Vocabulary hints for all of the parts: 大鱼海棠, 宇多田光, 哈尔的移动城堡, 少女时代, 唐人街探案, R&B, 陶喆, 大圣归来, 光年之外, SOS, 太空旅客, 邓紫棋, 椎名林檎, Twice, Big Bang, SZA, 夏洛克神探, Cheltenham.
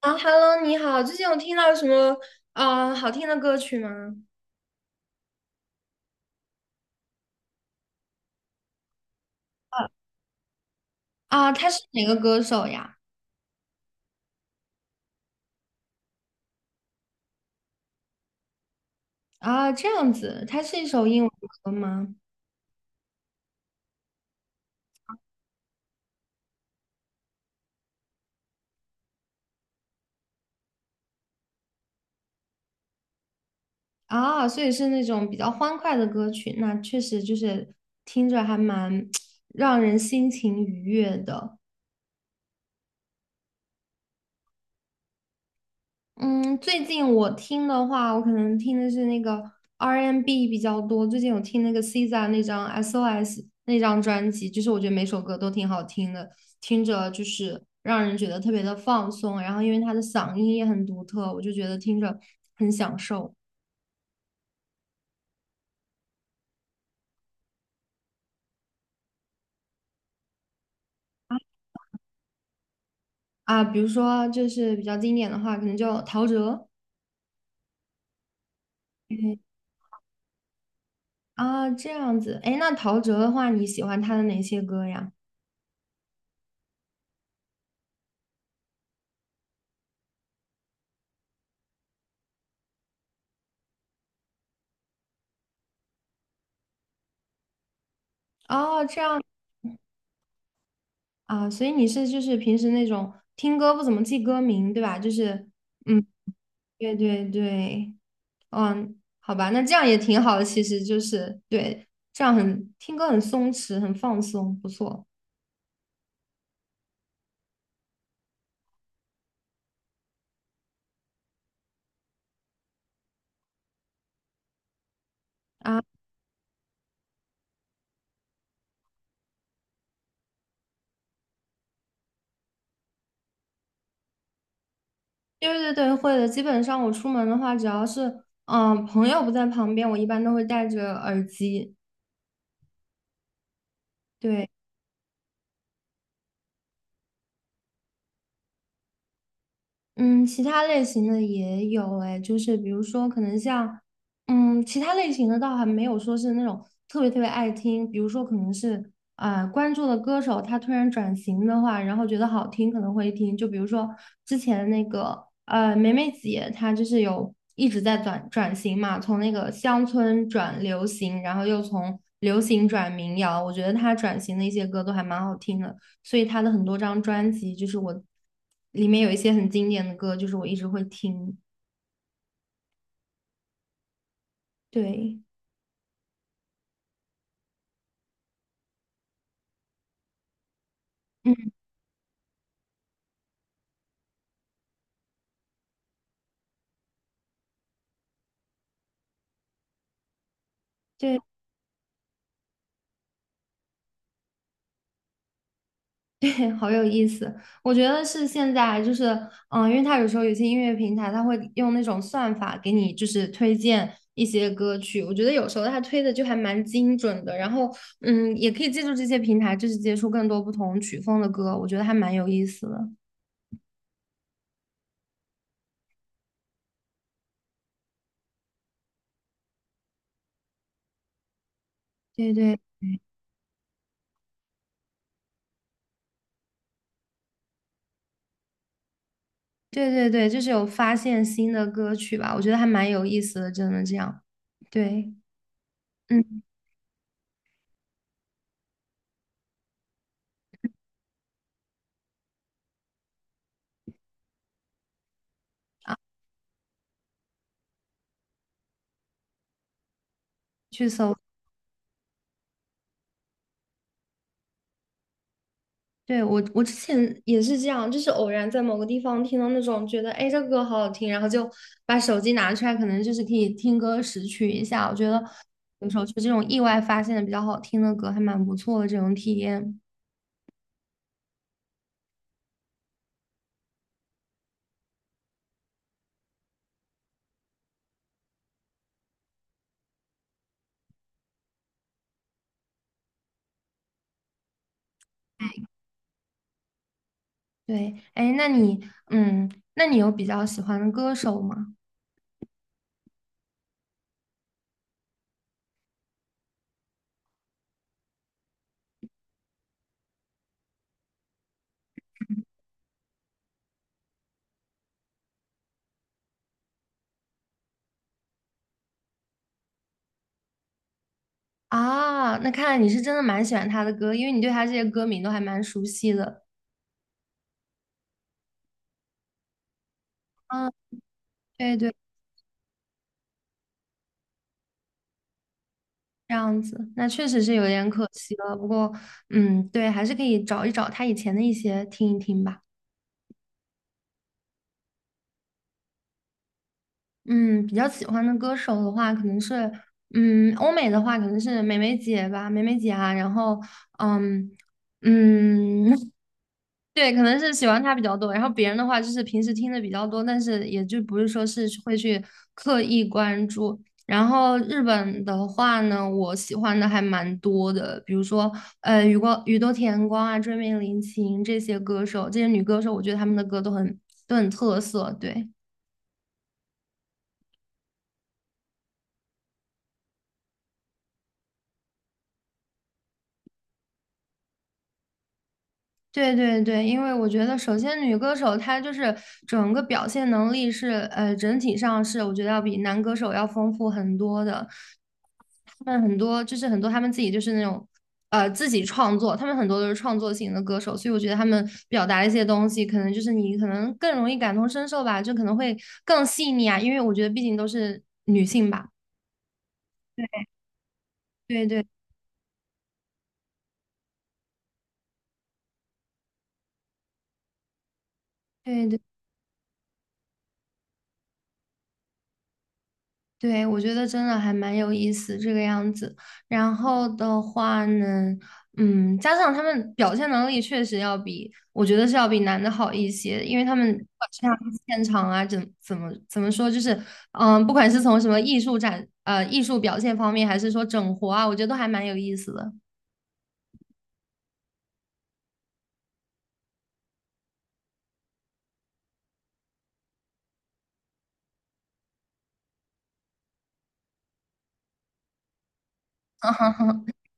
啊，Hello，你好，最近有听到什么好听的歌曲吗？啊，他是哪个歌手呀？啊，这样子，他是一首英文歌吗？啊，所以是那种比较欢快的歌曲，那确实就是听着还蛮 让人心情愉悦的。嗯，最近我听的话，我可能听的是那个 R&B N 比较多。最近有听那个 SZA 那张 SOS 那张专辑，就是我觉得每首歌都挺好听的，听着就是让人觉得特别的放松。然后因为他的嗓音也很独特，我就觉得听着很享受啊。比如说就是比较经典的话，可能就陶喆。嗯啊，这样子。哎，那陶喆的话，你喜欢他的哪些歌呀？哦，这样。啊，所以你是就是平时那种听歌不怎么记歌名，对吧？就是，嗯，对对对，嗯，好吧，那这样也挺好的，其实就是对，这样很听歌很松弛，很放松，不错啊。对对对，会的。基本上我出门的话，只要是朋友不在旁边，我一般都会戴着耳机。对。嗯，其他类型的也有哎，就是比如说可能像，其他类型的倒还没有说是那种特别特别爱听，比如说可能是关注的歌手他突然转型的话，然后觉得好听可能会听，就比如说之前那个梅梅姐她就是有一直在转型嘛，从那个乡村转流行，然后又从流行转民谣，我觉得她转型的一些歌都还蛮好听的。所以他的很多张专辑，就是我里面有一些很经典的歌，就是我一直会听。对，嗯，对对，好有意思。我觉得是现在就是，因为他有时候有些音乐平台，他会用那种算法给你就是推荐一些歌曲，我觉得有时候他推的就还蛮精准的。然后，也可以借助这些平台，就是接触更多不同曲风的歌，我觉得还蛮有意思的。对对对对对，就是有发现新的歌曲吧，我觉得还蛮有意思的，真的这样。对，嗯，去搜。对，我之前也是这样，就是偶然在某个地方听到那种觉得，哎，这个歌好好听，然后就把手机拿出来，可能就是可以听歌识曲一下。我觉得有时候就这种意外发现的比较好听的歌，还蛮不错的这种体验。对，哎，那你，嗯，那你有比较喜欢的歌手吗？啊，那看来你是真的蛮喜欢他的歌，因为你对他这些歌名都还蛮熟悉的。嗯，对对。这样子，那确实是有点可惜了。不过，嗯，对，还是可以找一找他以前的一些听一听吧。嗯，比较喜欢的歌手的话，可能是，欧美的话可能是梅梅姐吧，梅梅姐啊。然后，嗯嗯，对，可能是喜欢他比较多，然后别人的话就是平时听的比较多，但是也就不是说是会去刻意关注。然后日本的话呢，我喜欢的还蛮多的，比如说宇多田光啊、追名林檎这些歌手，这些女歌手，我觉得她们的歌都很特色。对，对对对，因为我觉得，首先女歌手她就是整个表现能力是，整体上是我觉得要比男歌手要丰富很多的。他们很多就是很多他们自己就是那种，自己创作，他们很多都是创作型的歌手，所以我觉得他们表达的一些东西，可能就是你可能更容易感同身受吧，就可能会更细腻啊，因为我觉得毕竟都是女性吧。对对对对对，我觉得真的还蛮有意思这个样子。然后的话呢，加上他们表现能力确实要比，我觉得是要比男的好一些，因为他们不管是他们现场啊，怎么说，就是，不管是从什么艺术展，艺术表现方面，还是说整活啊，我觉得都还蛮有意思的。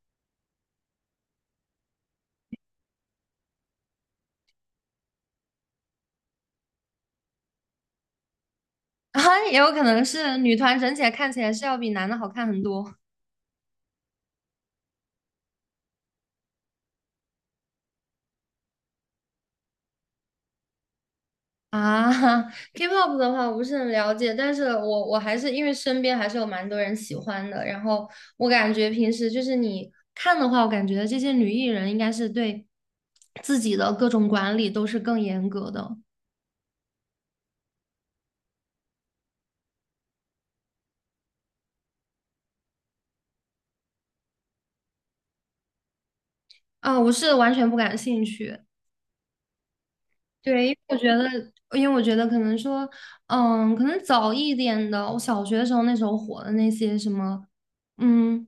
啊，也有可能是女团整体来看起来是要比男的好看很多。啊 ，K-pop 的话我不是很了解，但是我还是因为身边还是有蛮多人喜欢的，然后我感觉平时就是你看的话，我感觉这些女艺人应该是对自己的各种管理都是更严格的啊，我是完全不感兴趣。对，因为我觉得，可能说，可能早一点的，我小学的时候那时候火的那些什么，嗯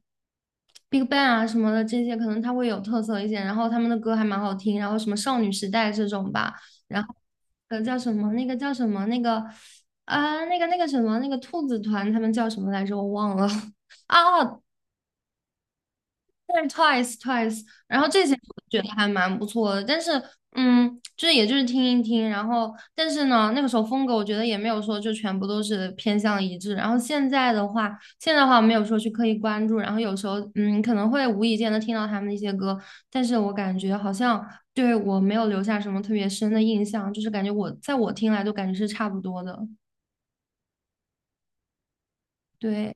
，Big Bang 啊什么的这些，可能它会有特色一些，然后他们的歌还蛮好听，然后什么少女时代这种吧，然后叫什么那个那个什么那个兔子团他们叫什么来着我忘了 啊，对，Twice，然后这些我觉得还蛮不错的，但是就是也就是听一听，然后但是呢，那个时候风格我觉得也没有说就全部都是偏向一致，然后现在的话，现在的话没有说去刻意关注，然后有时候可能会无意间的听到他们的一些歌，但是我感觉好像对我没有留下什么特别深的印象，就是感觉我在我听来都感觉是差不多的，对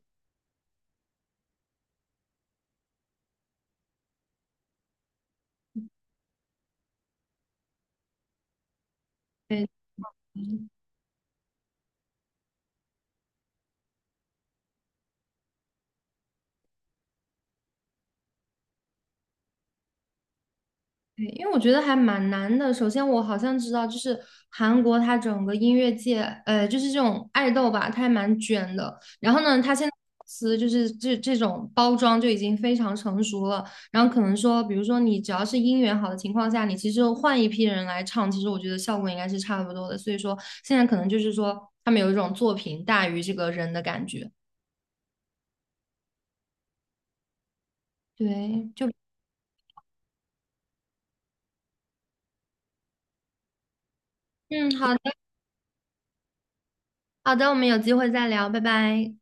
对。对，因为我觉得还蛮难的。首先，我好像知道，就是韩国它整个音乐界，就是这种爱豆吧，它还蛮卷的。然后呢，它现在公司就是这种包装就已经非常成熟了。然后可能说，比如说你只要是音源好的情况下，你其实换一批人来唱，其实我觉得效果应该是差不多的。所以说，现在可能就是说，他们有一种作品大于这个人的感觉。对，就嗯，好的，好的，我们有机会再聊，拜拜。